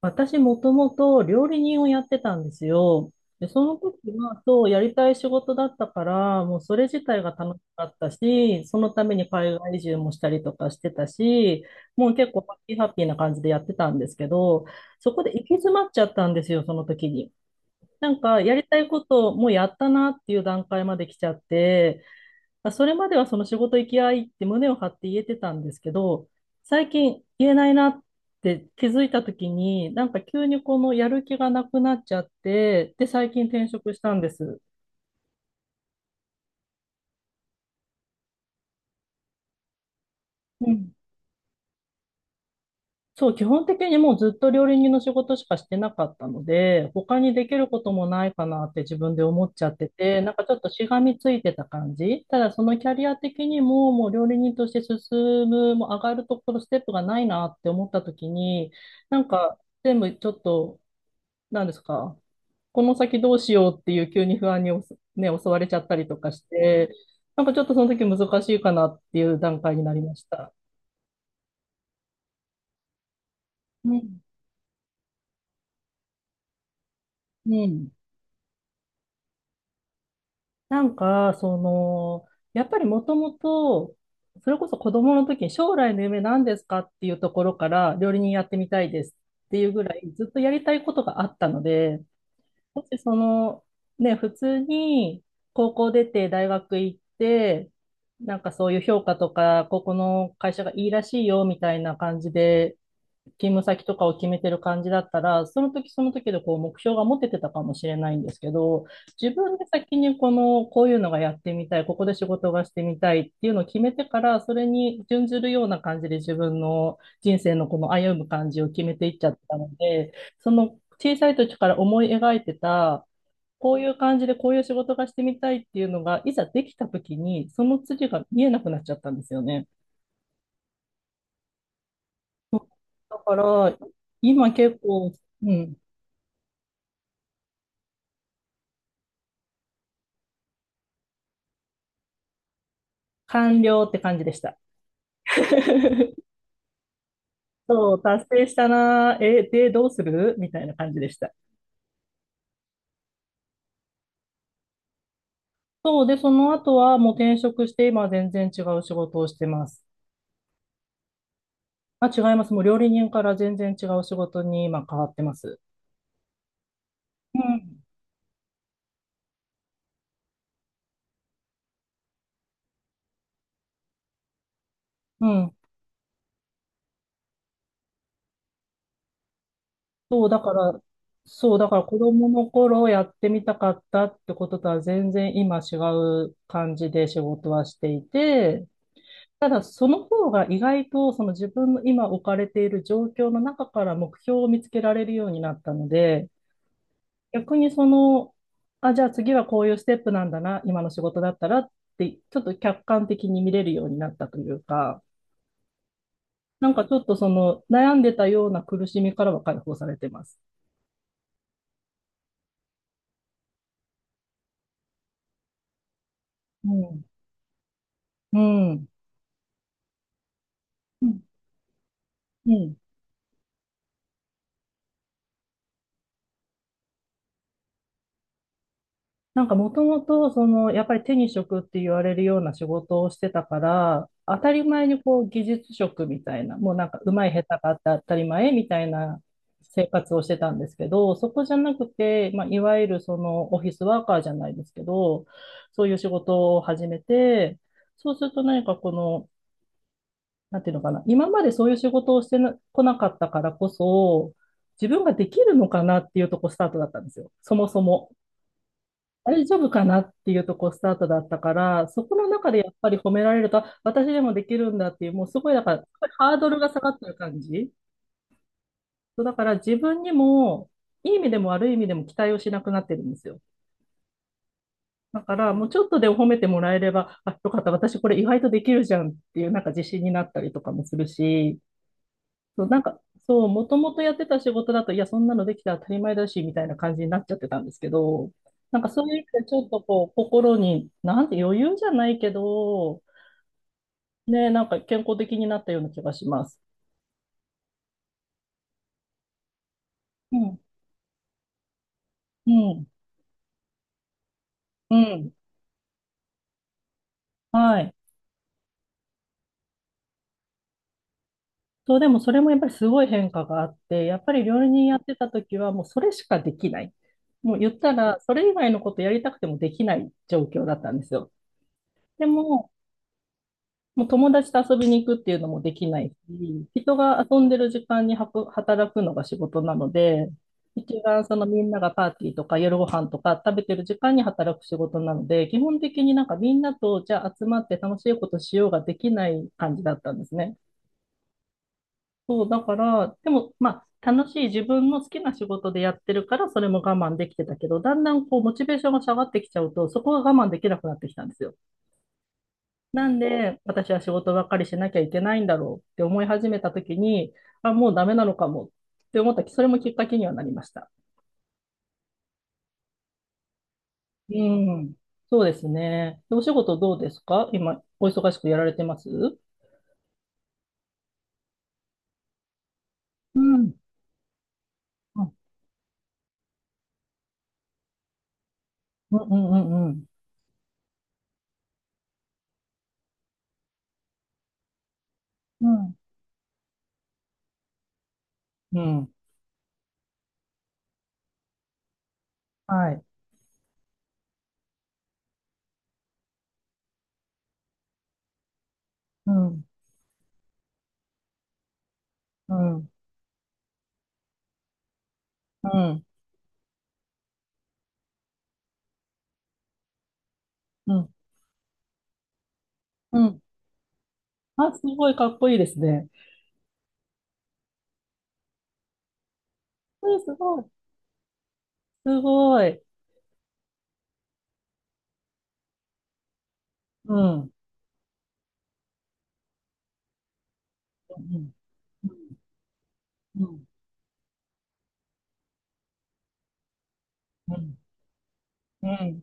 私もともと料理人をやってたんですよ。で、その時は、そう、やりたい仕事だったから、もうそれ自体が楽しかったし、そのために海外移住もしたりとかしてたし、もう結構ハッピーハッピーな感じでやってたんですけど、そこで行き詰まっちゃったんですよ、その時に。なんか、やりたいことをもうやったなっていう段階まで来ちゃって、まあそれまではその仕事行き合いって胸を張って言えてたんですけど、最近言えないなって気づいた時に、なんか急にこのやる気がなくなっちゃって、で、最近転職したんです。うん、そう、基本的にもうずっと料理人の仕事しかしてなかったので、他にできることもないかなって自分で思っちゃってて、なんかちょっとしがみついてた感じ。ただそのキャリア的にも、もう料理人として進む、もう上がるところ、ステップがないなって思った時に、なんか全部ちょっと、なんですか、この先どうしようっていう急に不安におすね、襲われちゃったりとかして、なんかちょっとその時難しいかなっていう段階になりました。うん。うん。なんか、その、やっぱりもともと、それこそ子供の時に将来の夢何ですかっていうところから料理人やってみたいですっていうぐらいずっとやりたいことがあったので、もしその、ね、普通に高校出て大学行って、なんかそういう評価とか、ここの会社がいいらしいよみたいな感じで勤務先とかを決めてる感じだったら、その時その時でこう目標が持ててたかもしれないんですけど、自分で先にこの、こういうのがやってみたい、ここで仕事がしてみたいっていうのを決めてから、それに準ずるような感じで自分の人生のこの歩む感じを決めていっちゃったので、その小さい時から思い描いてた、こういう感じでこういう仕事がしてみたいっていうのが、いざできた時に、その筋が見えなくなっちゃったんですよね。だから、今結構、うん、完了って感じでした。そう、達成したなー。え、で、どうするみたいな感じでした。そう、で、その後はもう転職して、今は全然違う仕事をしてます。まあ、違います。もう料理人から全然違う仕事に今変わってます。うん。うん。そう、だから、そう、だから子供の頃やってみたかったってこととは全然今違う感じで仕事はしていて、ただ、その方が意外とその自分の今置かれている状況の中から目標を見つけられるようになったので、逆にその、あ、じゃあ次はこういうステップなんだな、今の仕事だったらって、ちょっと客観的に見れるようになったというか、なんかちょっとその悩んでたような苦しみからは解放されてます。うん。うん。うん。うん。なんかもともと、その、やっぱり手に職って言われるような仕事をしてたから、当たり前にこう技術職みたいな、もうなんか上手い下手があって当たり前みたいな生活をしてたんですけど、そこじゃなくて、まあ、いわゆるそのオフィスワーカーじゃないですけど、そういう仕事を始めて、そうすると何かこの、なんていうのかな、今までそういう仕事をしてなこなかったからこそ、自分ができるのかなっていうとこスタートだったんですよ、そもそも。大丈夫かなっていうとこスタートだったから、そこの中でやっぱり褒められると、あ、私でもできるんだっていう、もうすごい、だから、すごいハードルが下がってる感じ。そう、だから自分にも、いい意味でも悪い意味でも期待をしなくなってるんですよ。だから、もうちょっとでも褒めてもらえれば、あ、よかった、私これ意外とできるじゃんっていう、なんか自信になったりとかもするし、そう、なんか、そう、もともとやってた仕事だと、いや、そんなのできたら当たり前だし、みたいな感じになっちゃってたんですけど、なんかそういう意味でちょっとこう、心に、なんて余裕じゃないけど、ね、なんか健康的になったような気がします。うん、うん、うん。はい。そう、でもそれもやっぱりすごい変化があって、やっぱり料理人やってた時はもうそれしかできない。もう言ったら、それ以外のことやりたくてもできない状況だったんですよ。でも、もう友達と遊びに行くっていうのもできないし、人が遊んでる時間にはく働くのが仕事なので、一番そのみんながパーティーとか夜ご飯とか食べてる時間に働く仕事なので、基本的になんかみんなとじゃあ集まって楽しいことしようができない感じだったんですね。そう、だから、でもまあ楽しい自分の好きな仕事でやってるからそれも我慢できてたけど、だんだんこうモチベーションが下がってきちゃうと、そこが我慢できなくなってきたんですよ。なんで、私は仕事ばっかりしなきゃいけないんだろうって思い始めたときに、あ、もうダメなのかもって思ったき、それもきっかけにはなりました。うん。そうですね。でお仕事どうですか今、お忙しくやられてます？うん。うん、うん、うん、うん。うん。うん。はい。うん。うん。うん。うん。うん。あ、すごいかっこいいですね。うん、すごい。すごい。うん。うん。うん。うん。うん。うん。うん。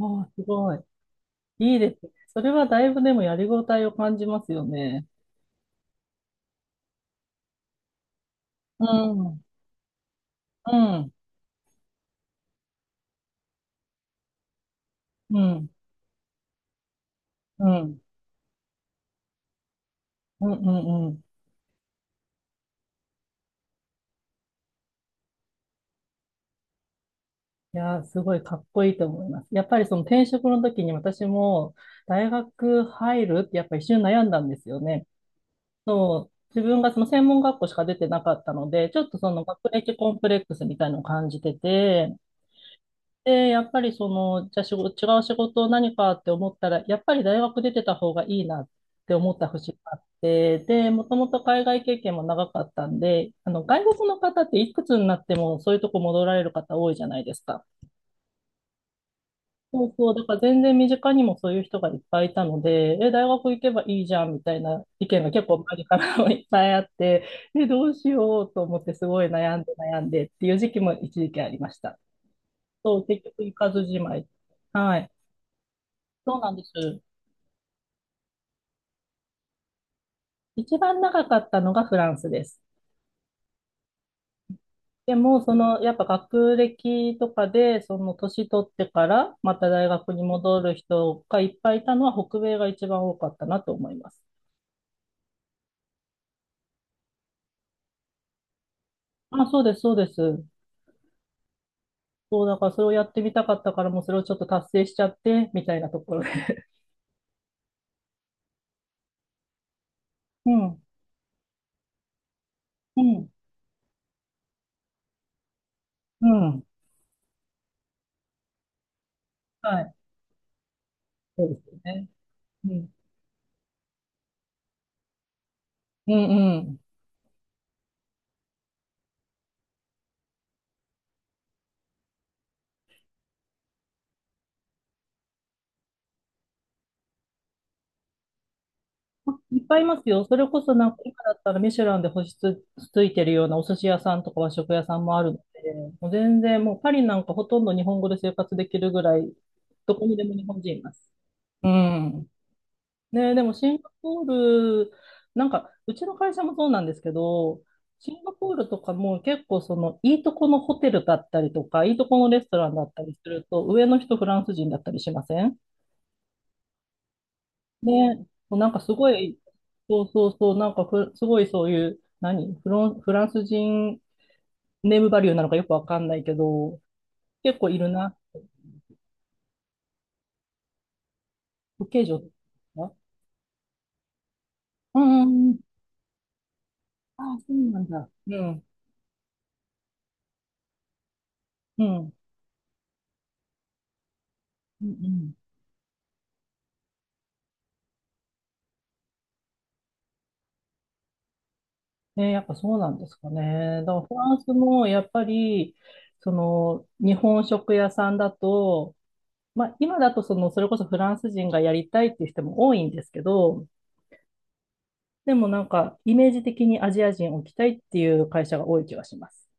あ、すごい。いいですね。それはだいぶでもやりごたえを感じますよね。うん、うん、うん、うん、うん、うん。うん。いやー、すごいかっこいいと思います。やっぱりその転職の時に私も大学入るってやっぱ一瞬悩んだんですよね。そう、自分がその専門学校しか出てなかったので、ちょっとその学歴コンプレックスみたいなのを感じてて、で、やっぱりその、じゃあ仕事、違う仕事何かって思ったら、やっぱり大学出てた方がいいなって思った節があって、で、もともと海外経験も長かったんで、あの、外国の方っていくつになってもそういうとこ戻られる方多いじゃないですか。そうそう、だから全然身近にもそういう人がいっぱいいたので、え、大学行けばいいじゃんみたいな意見が結構周りからもいっぱいあって、え、どうしようと思ってすごい悩んでっていう時期も一時期ありました。そう、結局行かずじまい。はい。そうなんです。一番長かったのがフランスです。でも、その、やっぱ学歴とかで、その年取ってから、また大学に戻る人がいっぱいいたのは、北米が一番多かったなと思います。あ、そうです、そうです。そう、だからそれをやってみたかったから、もうそれをちょっと達成しちゃって、みたいなところで。うん、うん、うん。はい。そうですよね。うん、うん、うん。いっぱいいますよ。それこそなんか今だったらミシュランで星つ、ついてるようなお寿司屋さんとか和食屋さんもあるので、もう全然もうパリなんかほとんど日本語で生活できるぐらい、どこにでも日本人います。うん。ね、でもシンガポール、なんかうちの会社もそうなんですけど、シンガポールとかも結構そのいいとこのホテルだったりとか、いいとこのレストランだったりすると、上の人フランス人だったりしません？ね、もうなんかすごい、そうそうそう、なんかふすごいそういう、何フロン、フランス人ネームバリューなのかよくわかんないけど、結構いるな。受け女あ、うん、うん、うん。あ、そうなんだ。うん。うん。うん、うん。ね、やっぱそうなんですかね。だからフランスもやっぱり、その、日本食屋さんだと、まあ今だとその、それこそフランス人がやりたいっていう人も多いんですけど、でもなんか、イメージ的にアジア人を置きたいっていう会社が多い気がします。